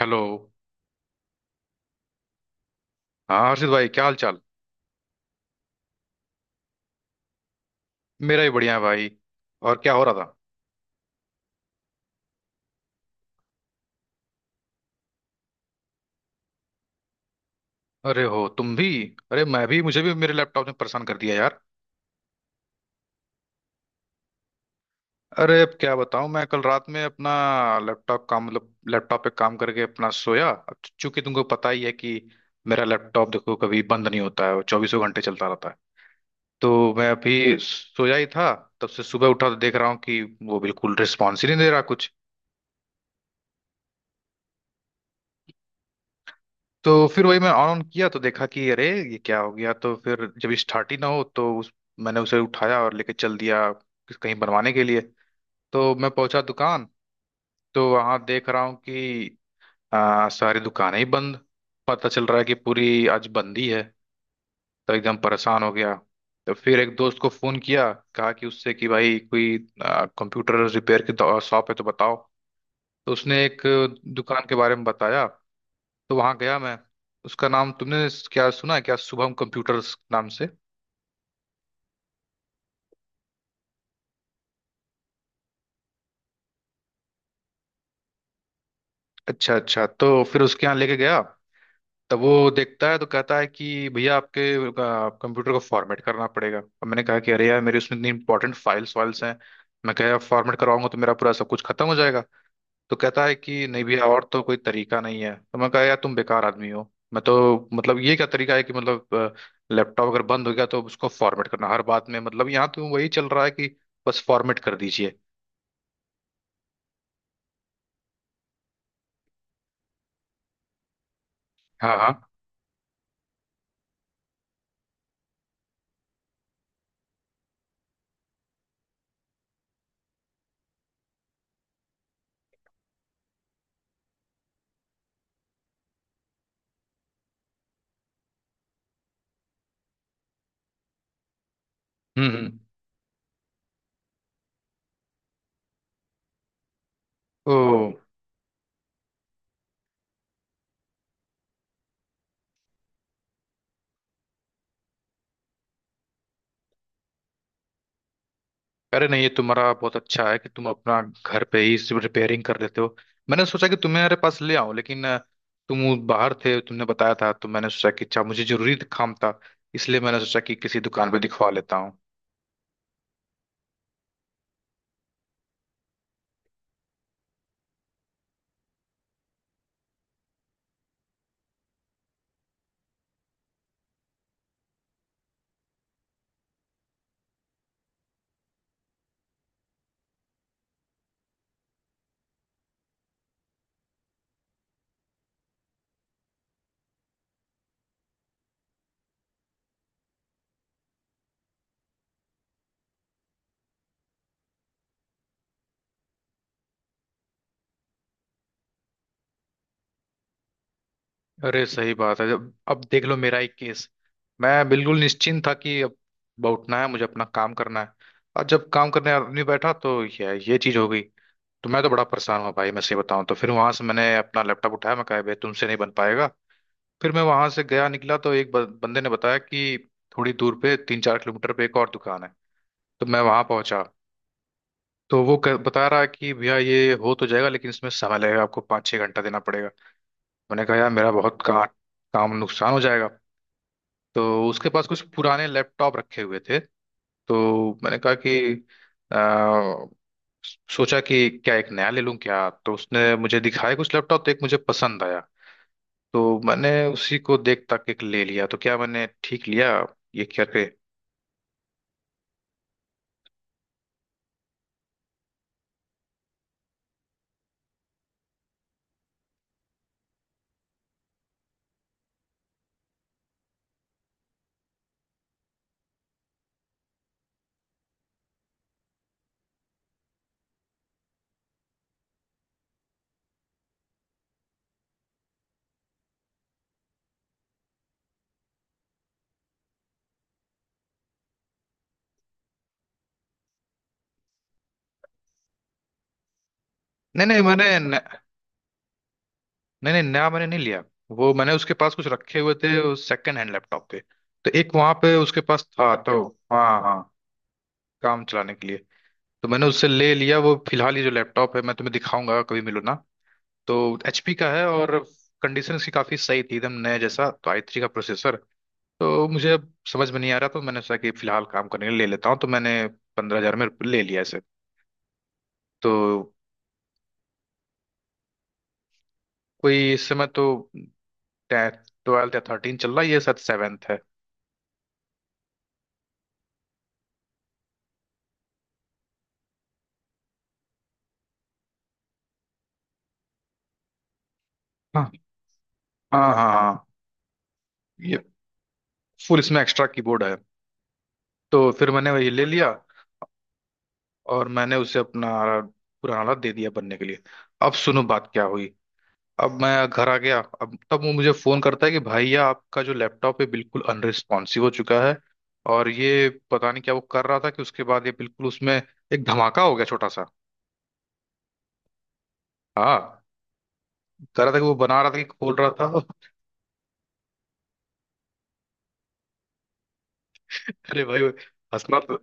Hello. हाँ हर्षित भाई, क्या हाल चाल। मेरा भी बढ़िया है भाई। और क्या हो रहा था। अरे हो तुम भी। अरे मैं भी, मुझे भी मेरे लैपटॉप ने परेशान कर दिया यार। अरे अब क्या बताऊं, मैं कल रात में अपना लैपटॉप काम, मतलब लैपटॉप पे काम करके अपना सोया। अब चूंकि तुमको पता ही है कि मेरा लैपटॉप देखो कभी बंद नहीं होता है, वो चौबीसों घंटे चलता रहता है। तो मैं अभी सोया ही था, तब से सुबह उठा तो देख रहा हूँ कि वो बिल्कुल रिस्पॉन्स ही नहीं दे रहा कुछ। तो फिर वही मैं ऑन ऑन किया तो देखा कि अरे ये क्या हो गया। तो फिर जब स्टार्ट ही ना हो तो उस मैंने उसे उठाया और लेके चल दिया, कहीं बनवाने के लिए। तो मैं पहुंचा दुकान। तो वहां देख रहा हूँ कि सारी दुकानें ही बंद। पता चल रहा है कि पूरी आज बंदी है। तो एकदम परेशान हो गया। तो फिर एक दोस्त को फोन किया, कहा कि उससे कि भाई कोई कंप्यूटर रिपेयर की शॉप है तो बताओ। तो उसने एक दुकान के बारे में बताया। तो वहां गया मैं। उसका नाम तुमने क्या सुना है क्या, शुभम कंप्यूटर्स नाम से। अच्छा अच्छा, तो फिर उसके यहाँ लेके गया। तब वो देखता है तो कहता है कि भैया आपके कंप्यूटर को फॉर्मेट करना पड़ेगा। अब मैंने कहा कि अरे यार मेरे उसमें इतनी इंपॉर्टेंट फाइल्स वाइल्स हैं, मैं कह फॉर्मेट करवाऊंगा तो मेरा पूरा सब कुछ खत्म हो जाएगा। तो कहता है कि नहीं भैया और तो कोई तरीका नहीं है। तो मैं कहा यार तुम बेकार आदमी हो, मैं तो मतलब ये क्या तरीका है कि मतलब लैपटॉप अगर बंद हो गया तो उसको फॉर्मेट करना, हर बात में मतलब यहाँ तो वही चल रहा है कि बस फॉर्मेट कर दीजिए। हाँ हाँ। हम्म हम्म। ओ। अरे नहीं ये तुम्हारा बहुत अच्छा है कि तुम अपना घर पे ही सिर्फ रिपेयरिंग कर लेते हो। मैंने सोचा कि तुम्हारे पास ले आऊं, लेकिन तुम बाहर थे तुमने बताया था, तो मैंने सोचा कि अच्छा मुझे जरूरी काम था, इसलिए मैंने सोचा कि किसी दुकान पे दिखवा लेता हूँ। अरे सही बात है, जब अब देख लो मेरा ही केस। मैं बिल्कुल निश्चिंत था कि अब उठना है मुझे अपना काम करना है, और जब काम करने आदमी बैठा तो ये चीज हो गई। तो मैं तो बड़ा परेशान हुआ भाई, मैं सही बताऊं। तो फिर वहां से मैंने अपना लैपटॉप उठाया, मैं कहा भाई तुमसे नहीं बन पाएगा। फिर मैं वहां से गया निकला तो एक बंदे ने बताया कि थोड़ी दूर पे 3-4 किलोमीटर पे एक और दुकान है। तो मैं वहां पहुंचा। तो वो बता रहा है कि भैया ये हो तो जाएगा लेकिन इसमें समय लगेगा, आपको 5-6 घंटा देना पड़ेगा। मैंने कहा यार मेरा बहुत काम नुकसान हो जाएगा। तो उसके पास कुछ पुराने लैपटॉप रखे हुए थे। तो मैंने कहा कि आ, सोचा कि क्या एक नया ले लूं क्या। तो उसने मुझे दिखाया कुछ लैपटॉप, तो एक मुझे पसंद आया। तो मैंने उसी को देख तक एक ले लिया, तो क्या मैंने ठीक लिया ये करके। नहीं नहीं मैंने न, नहीं नहीं नया मैंने नहीं लिया। वो मैंने उसके पास कुछ रखे हुए थे सेकंड हैंड लैपटॉप के, तो एक वहां पे उसके पास था। तो हाँ हाँ, काम चलाने के लिए तो मैंने उससे ले लिया। वो फिलहाल ये जो लैपटॉप है मैं तुम्हें दिखाऊंगा कभी मिलो ना। तो HP का है, और कंडीशन इसकी काफ़ी सही थी, एकदम नया जैसा। तो i3 का प्रोसेसर, तो मुझे अब समझ में नहीं आ रहा, तो मैंने सोचा कि फिलहाल काम करने के लिए ले लेता हूँ, तो मैंने 15 हज़ार में ले लिया इसे। तो कोई इस समय तो 12th या 13 चल रहा है, ये शायद 7th है। हाँ हाँ हाँ हाँ। ये फुल, इसमें एक्स्ट्रा कीबोर्ड है। तो फिर मैंने ये ले लिया, और मैंने उसे अपना पुराना वाला दे दिया बनने के लिए। अब सुनो बात क्या हुई, अब मैं घर आ गया। अब तब वो मुझे फोन करता है कि भैया आपका जो लैपटॉप है बिल्कुल अनरिस्पॉन्सिव हो चुका है, और ये पता नहीं क्या वो कर रहा था कि उसके बाद ये बिल्कुल उसमें एक धमाका हो गया छोटा सा। हाँ, कह रहा था कि वो बना रहा था कि खोल रहा था। अरे भाई, हंसना तो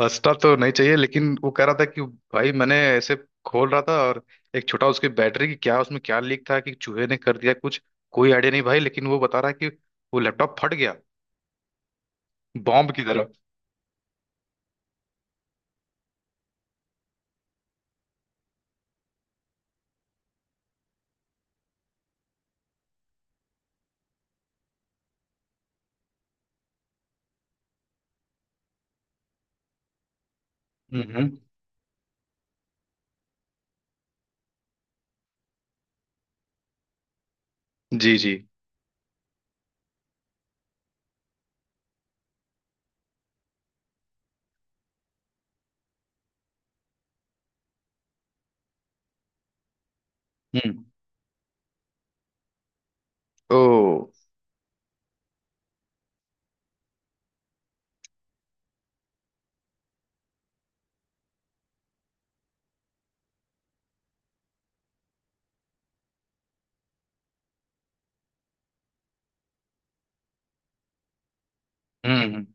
हंसना तो नहीं चाहिए, लेकिन वो कह रहा था कि भाई मैंने ऐसे खोल रहा था, और एक छोटा उसकी बैटरी की क्या उसमें क्या लीक था कि चूहे ने कर दिया कुछ। कोई आइडिया नहीं भाई, लेकिन वो बता रहा है कि वो लैपटॉप फट गया, बॉम्ब की तरह। हम्म हम्म। जी जी। ओ। हम्म।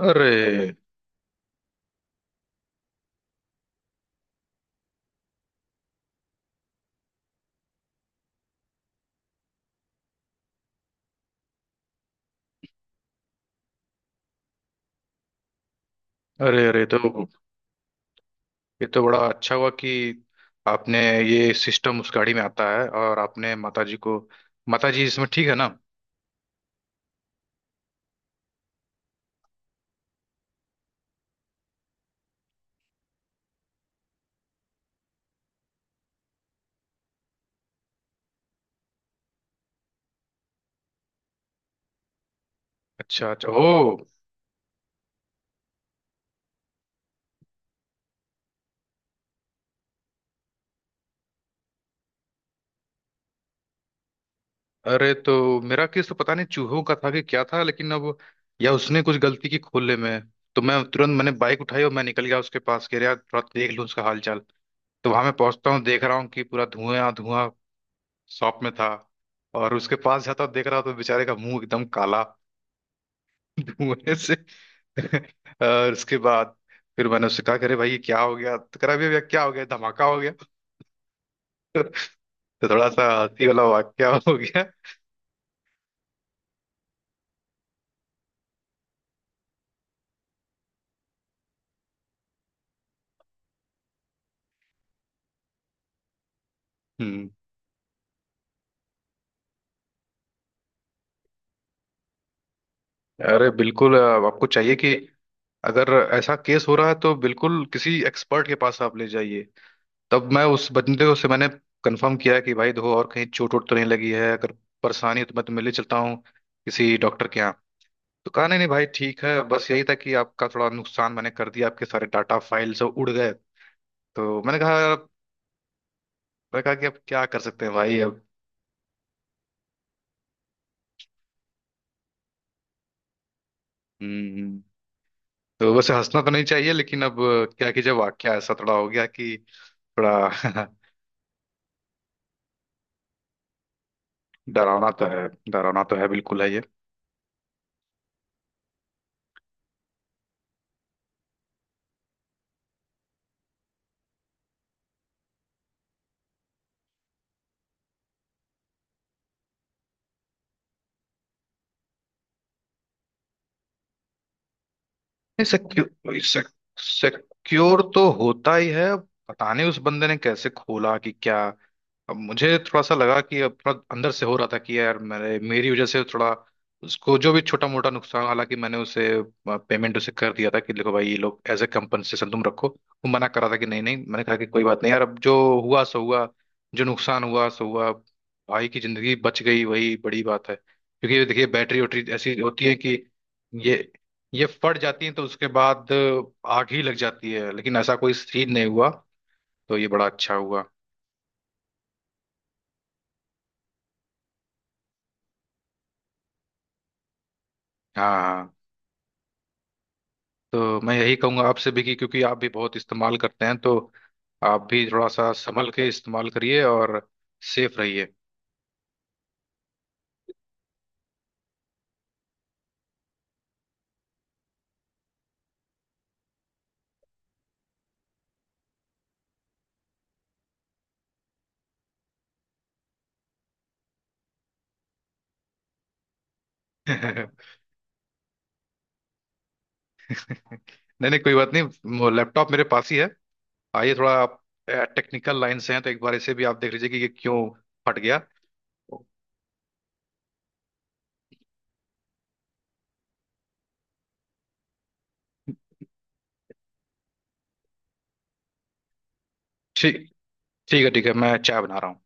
अरे अरे अरे। तो ये तो बड़ा अच्छा हुआ कि आपने ये सिस्टम उस गाड़ी में आता है और आपने माताजी को, माताजी इसमें ठीक है ना। अच्छा अच्छा। ओ। अरे तो मेरा केस तो पता नहीं चूहों का था कि क्या था, लेकिन अब या उसने कुछ गलती की खोलने में। तो मैं तुरंत मैंने बाइक उठाई और मैं निकल गया उसके पास के, यार थोड़ा देख लूँ उसका हाल चाल। तो वहां मैं पहुंचता हूँ, देख रहा हूँ कि पूरा धुआं धुआं शॉप में था। और उसके पास जाता हूं, देख रहा हूं तो बेचारे का मुंह एकदम काला धुएं से। और उसके बाद फिर मैंने उससे कहा करे भाई ये क्या हो गया, तो कह रहा अभी भैया क्या हो गया धमाका हो गया। तो थोड़ा सा हंसी वाला वाक्या हो गया। हम्म। अरे बिल्कुल, आपको चाहिए कि अगर ऐसा केस हो रहा है तो बिल्कुल किसी एक्सपर्ट के पास आप ले जाइए। तब मैं उस बंदे को से मैंने कंफर्म किया कि भाई देखो और कहीं चोट वोट तो नहीं लगी है, अगर परेशानी है तो मैं तो मिलने चलता हूँ किसी डॉक्टर के यहाँ। तो कहा नहीं नहीं भाई ठीक है, बस यही था कि आपका थोड़ा नुकसान मैंने कर दिया, आपके सारे डाटा फाइल सब उड़ गए। तो मैंने कहा कि अब क्या कर सकते हैं भाई अब। हम्म। तो वैसे हंसना तो नहीं चाहिए लेकिन अब, क्या कि जब वाक्य ऐसा थोड़ा हो गया कि थोड़ा। डरावना तो है, डरावना तो है, बिल्कुल है ये। सिक्योर सिक्योर तो होता ही है। अब पता नहीं उस बंदे ने कैसे खोला कि क्या। अब मुझे थोड़ा सा लगा कि अब थोड़ा अंदर से हो रहा था कि यार मेरे मेरी वजह से थोड़ा उसको जो भी छोटा मोटा नुकसान, हालांकि मैंने उसे पेमेंट उसे कर दिया था कि देखो भाई ये लोग एज ए कंपनसेशन तुम रखो, वो मना कर रहा था कि नहीं नहीं। मैंने कहा कि कोई बात नहीं यार, अब जो हुआ सो हुआ, जो नुकसान हुआ सो हुआ। भाई की जिंदगी बच गई, वही बड़ी बात है, क्योंकि ये देखिए बैटरी वैटरी ऐसी होती है कि ये ये फट जाती है तो उसके बाद आग ही लग जाती है, लेकिन ऐसा कोई सीन नहीं हुआ, तो ये बड़ा अच्छा हुआ। हाँ हाँ। तो मैं यही कहूंगा आपसे भी कि क्योंकि आप भी बहुत इस्तेमाल करते हैं तो आप भी थोड़ा सा संभल के इस्तेमाल करिए, और सेफ रहिए। नहीं नहीं कोई बात नहीं, लैपटॉप मेरे पास ही है। आइए थोड़ा आप, टेक्निकल लाइन से हैं तो एक बार इसे भी आप देख लीजिए कि ये क्यों फट गया। ठीक, ठीक है, ठीक है, मैं चाय बना रहा हूँ।